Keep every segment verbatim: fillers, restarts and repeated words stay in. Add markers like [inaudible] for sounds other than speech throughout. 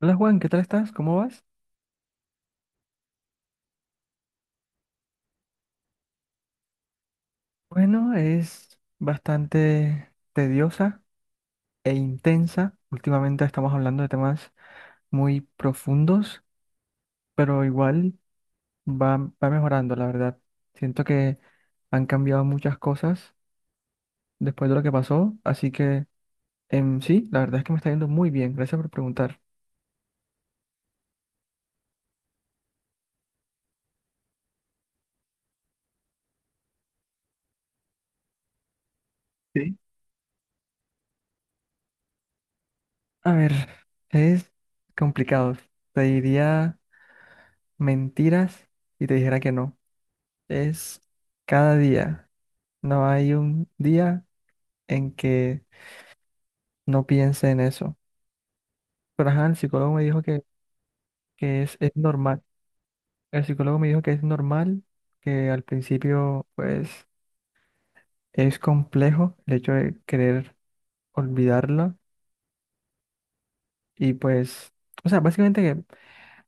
Hola Juan, ¿qué tal estás? ¿Cómo vas? Bueno, es bastante tediosa e intensa. Últimamente estamos hablando de temas muy profundos, pero igual va, va mejorando, la verdad. Siento que han cambiado muchas cosas después de lo que pasó, así que em, sí, la verdad es que me está yendo muy bien. Gracias por preguntar. Sí. A ver, es complicado. Te diría mentiras y te dijera que no. Es cada día. No hay un día en que no piense en eso. Pero ajá, el psicólogo me dijo que, que es, es normal. El psicólogo me dijo que es normal, que al principio pues es complejo el hecho de querer olvidarla. Y pues, o sea, básicamente que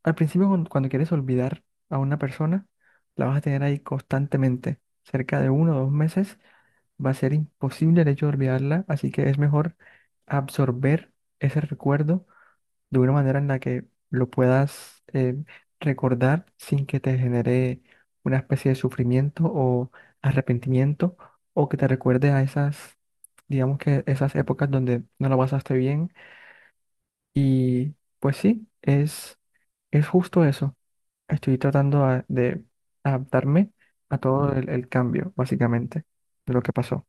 al principio cuando, cuando quieres olvidar a una persona, la vas a tener ahí constantemente. Cerca de uno o dos meses va a ser imposible el hecho de olvidarla. Así que es mejor absorber ese recuerdo de una manera en la que lo puedas eh, recordar sin que te genere una especie de sufrimiento o arrepentimiento o que te recuerde a esas, digamos que esas épocas donde no lo pasaste bien. Y pues sí, es, es justo eso. Estoy tratando a- de adaptarme a todo el, el cambio, básicamente, de lo que pasó.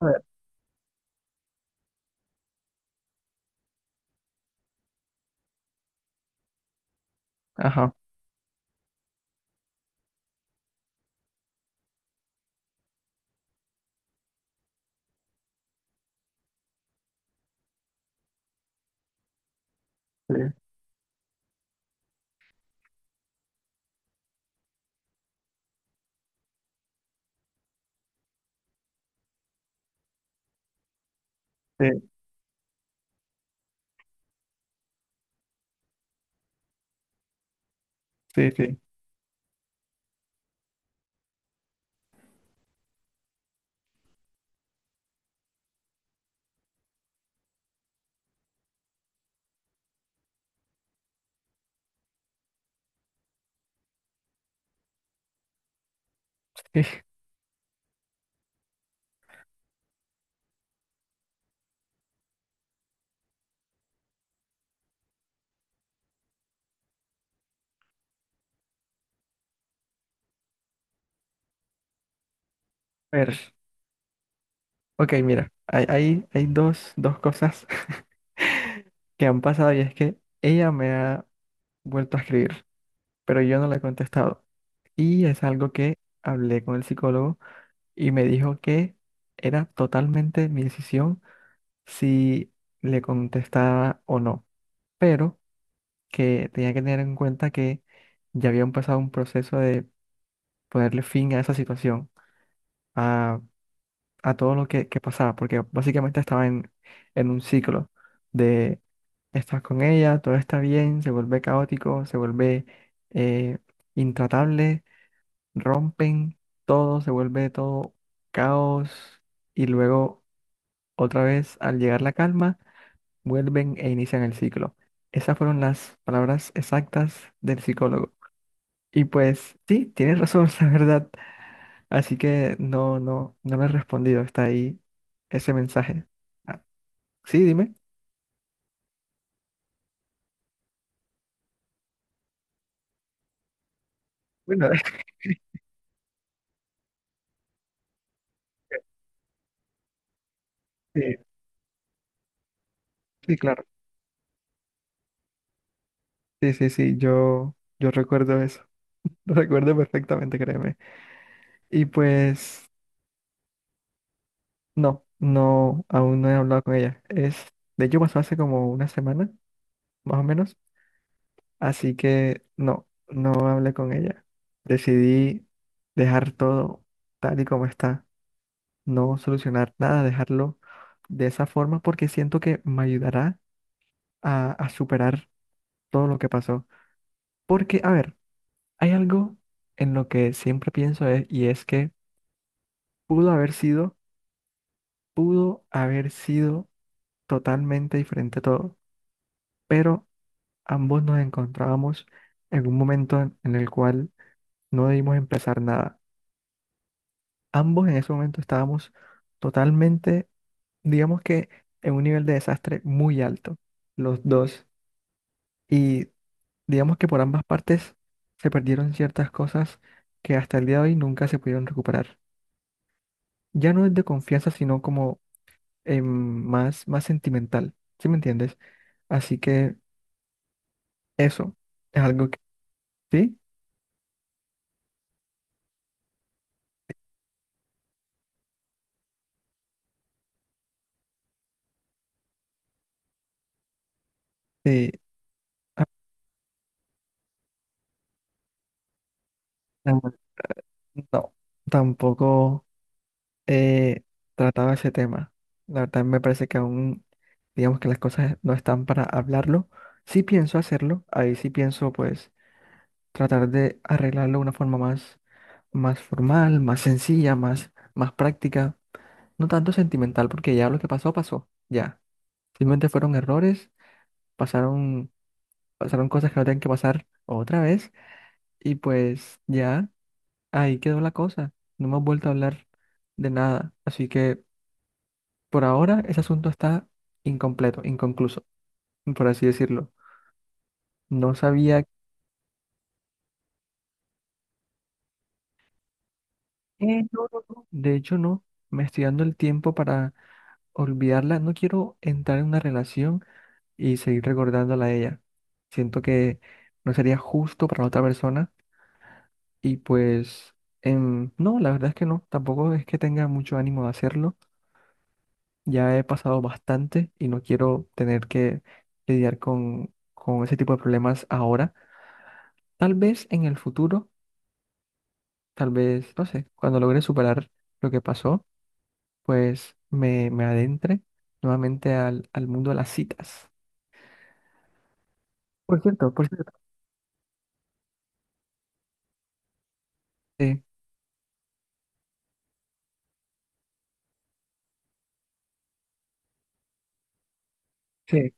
A ver. Ajá. Sí, sí, sí, sí. [laughs] Sí. A ver. Ok, mira, hay, hay, hay dos, dos cosas [laughs] que han pasado y es que ella me ha vuelto a escribir, pero yo no le he contestado. Y es algo que hablé con el psicólogo y me dijo que era totalmente mi decisión si le contestaba o no, pero que tenía que tener en cuenta que ya había empezado un proceso de ponerle fin a esa situación, a, a todo lo que, que pasaba, porque básicamente estaba en, en un ciclo estás con ella, todo está bien, se vuelve caótico, se vuelve eh, intratable, rompen todo, se vuelve todo caos y luego otra vez al llegar la calma, vuelven e inician el ciclo. Esas fueron las palabras exactas del psicólogo. Y pues sí, tienes razón, [laughs] la verdad. Así que no, no, no me he respondido, está ahí ese mensaje. Ah, sí, dime. Bueno, [laughs] sí, sí, claro. Sí, sí, sí, yo, yo recuerdo eso, [laughs] lo recuerdo perfectamente, créeme. Y pues, no, no, aún no he hablado con ella. Es, de hecho, pasó hace como una semana, más o menos, así que no, no hablé con ella. Decidí dejar todo tal y como está, no solucionar nada, dejarlo de esa forma porque siento que me ayudará a, a superar todo lo que pasó. Porque, a ver, hay algo en lo que siempre pienso es y es que pudo haber sido, pudo haber sido totalmente diferente todo, pero ambos nos encontrábamos en un momento en en el cual no debimos empezar nada. Ambos en ese momento estábamos totalmente, digamos que en un nivel de desastre muy alto, los dos. Y digamos que por ambas partes se perdieron ciertas cosas que hasta el día de hoy nunca se pudieron recuperar. Ya no es de confianza, sino como em, más, más sentimental, ¿sí me entiendes? Así que eso es algo que sí, sí, ah, no, tampoco he tratado ese tema. La verdad me parece que aún, digamos que las cosas no están para hablarlo. Sí pienso hacerlo, ahí sí pienso pues tratar de arreglarlo de una forma más, más formal, más sencilla, más, más práctica. No tanto sentimental, porque ya lo que pasó, pasó. Ya. Simplemente fueron errores, pasaron pasaron cosas que no tenían que pasar otra vez y pues ya ahí quedó la cosa. No hemos vuelto a hablar de nada. Así que por ahora ese asunto está incompleto, inconcluso, por así decirlo. No sabía... Eh, no, no, no. De hecho, no. Me estoy dando el tiempo para olvidarla. No quiero entrar en una relación y seguir recordándola a ella. Siento que no sería justo para la otra persona y pues... em, no, la verdad es que no. Tampoco es que tenga mucho ánimo de hacerlo. Ya he pasado bastante y no quiero tener que lidiar con, con ese tipo de problemas ahora. Tal vez en el futuro, tal vez, no sé, cuando logre superar lo que pasó, pues me, me adentre nuevamente al, al mundo de las citas. Por cierto, por cierto. Sí, sí.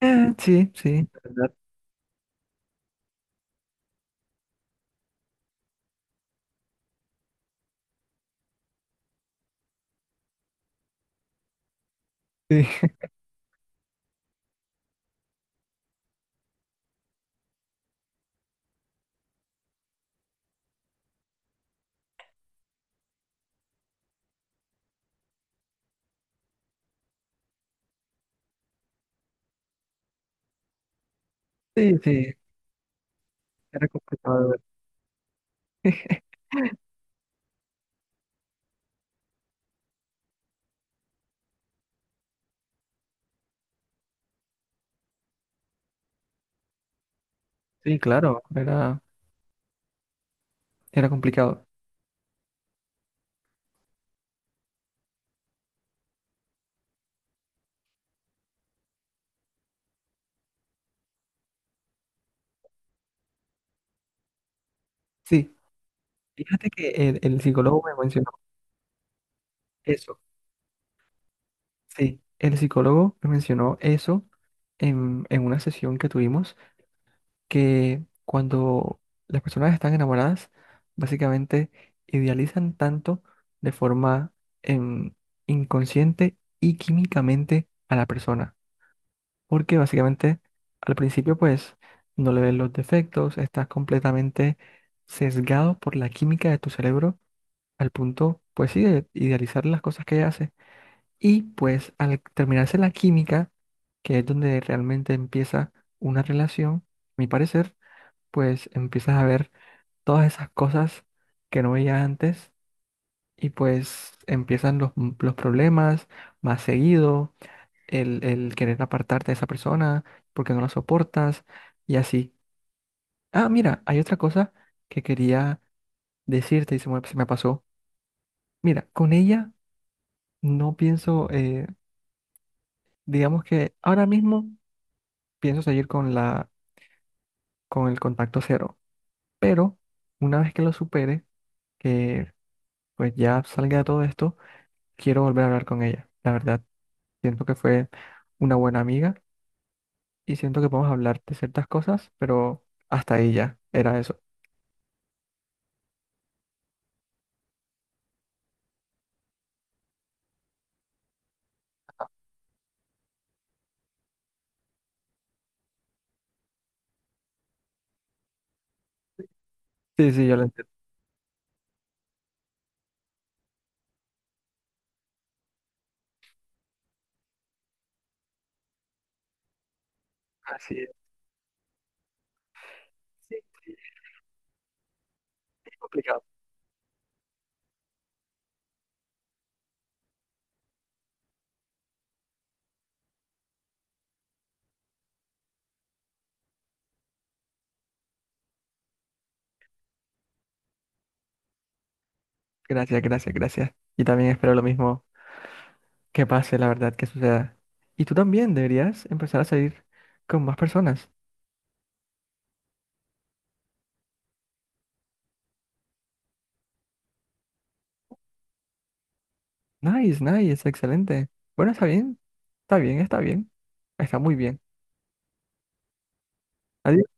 Eh, sí, sí. [laughs] ¿Verdad? Sí, sí, sí. [laughs] Era complicado. ¿Verdad? [laughs] Sí, claro, era, era complicado. Sí, fíjate que el, el psicólogo me mencionó eso. Sí, el psicólogo me mencionó eso en, en una sesión que tuvimos, que cuando las personas están enamoradas, básicamente idealizan tanto de forma em, inconsciente y químicamente a la persona, porque básicamente al principio pues no le ves los defectos, estás completamente sesgado por la química de tu cerebro al punto pues sí de idealizar las cosas que ella hace. Y pues al terminarse la química, que es donde realmente empieza una relación, a mi parecer, pues empiezas a ver todas esas cosas que no veía antes y pues empiezan los, mm, los problemas más seguido, el, el querer apartarte de esa persona porque no la soportas y así. Ah, mira, hay otra cosa que quería decirte y se me, se me pasó. Mira, con ella no pienso, eh, digamos que ahora mismo pienso seguir con la con el contacto cero. Pero una vez que lo supere, que pues ya salga de todo esto, quiero volver a hablar con ella. La verdad, siento que fue una buena amiga y siento que podemos hablar de ciertas cosas, pero hasta ahí ya era eso. Sí, sí, yo lo entiendo. Así es. Sí, sí, es complicado. Gracias, gracias, gracias. Y también espero lo mismo que pase, la verdad, que suceda. Y tú también deberías empezar a salir con más personas. Nice, nice, excelente. Bueno, está bien, está bien, está bien, está muy bien. Adiós.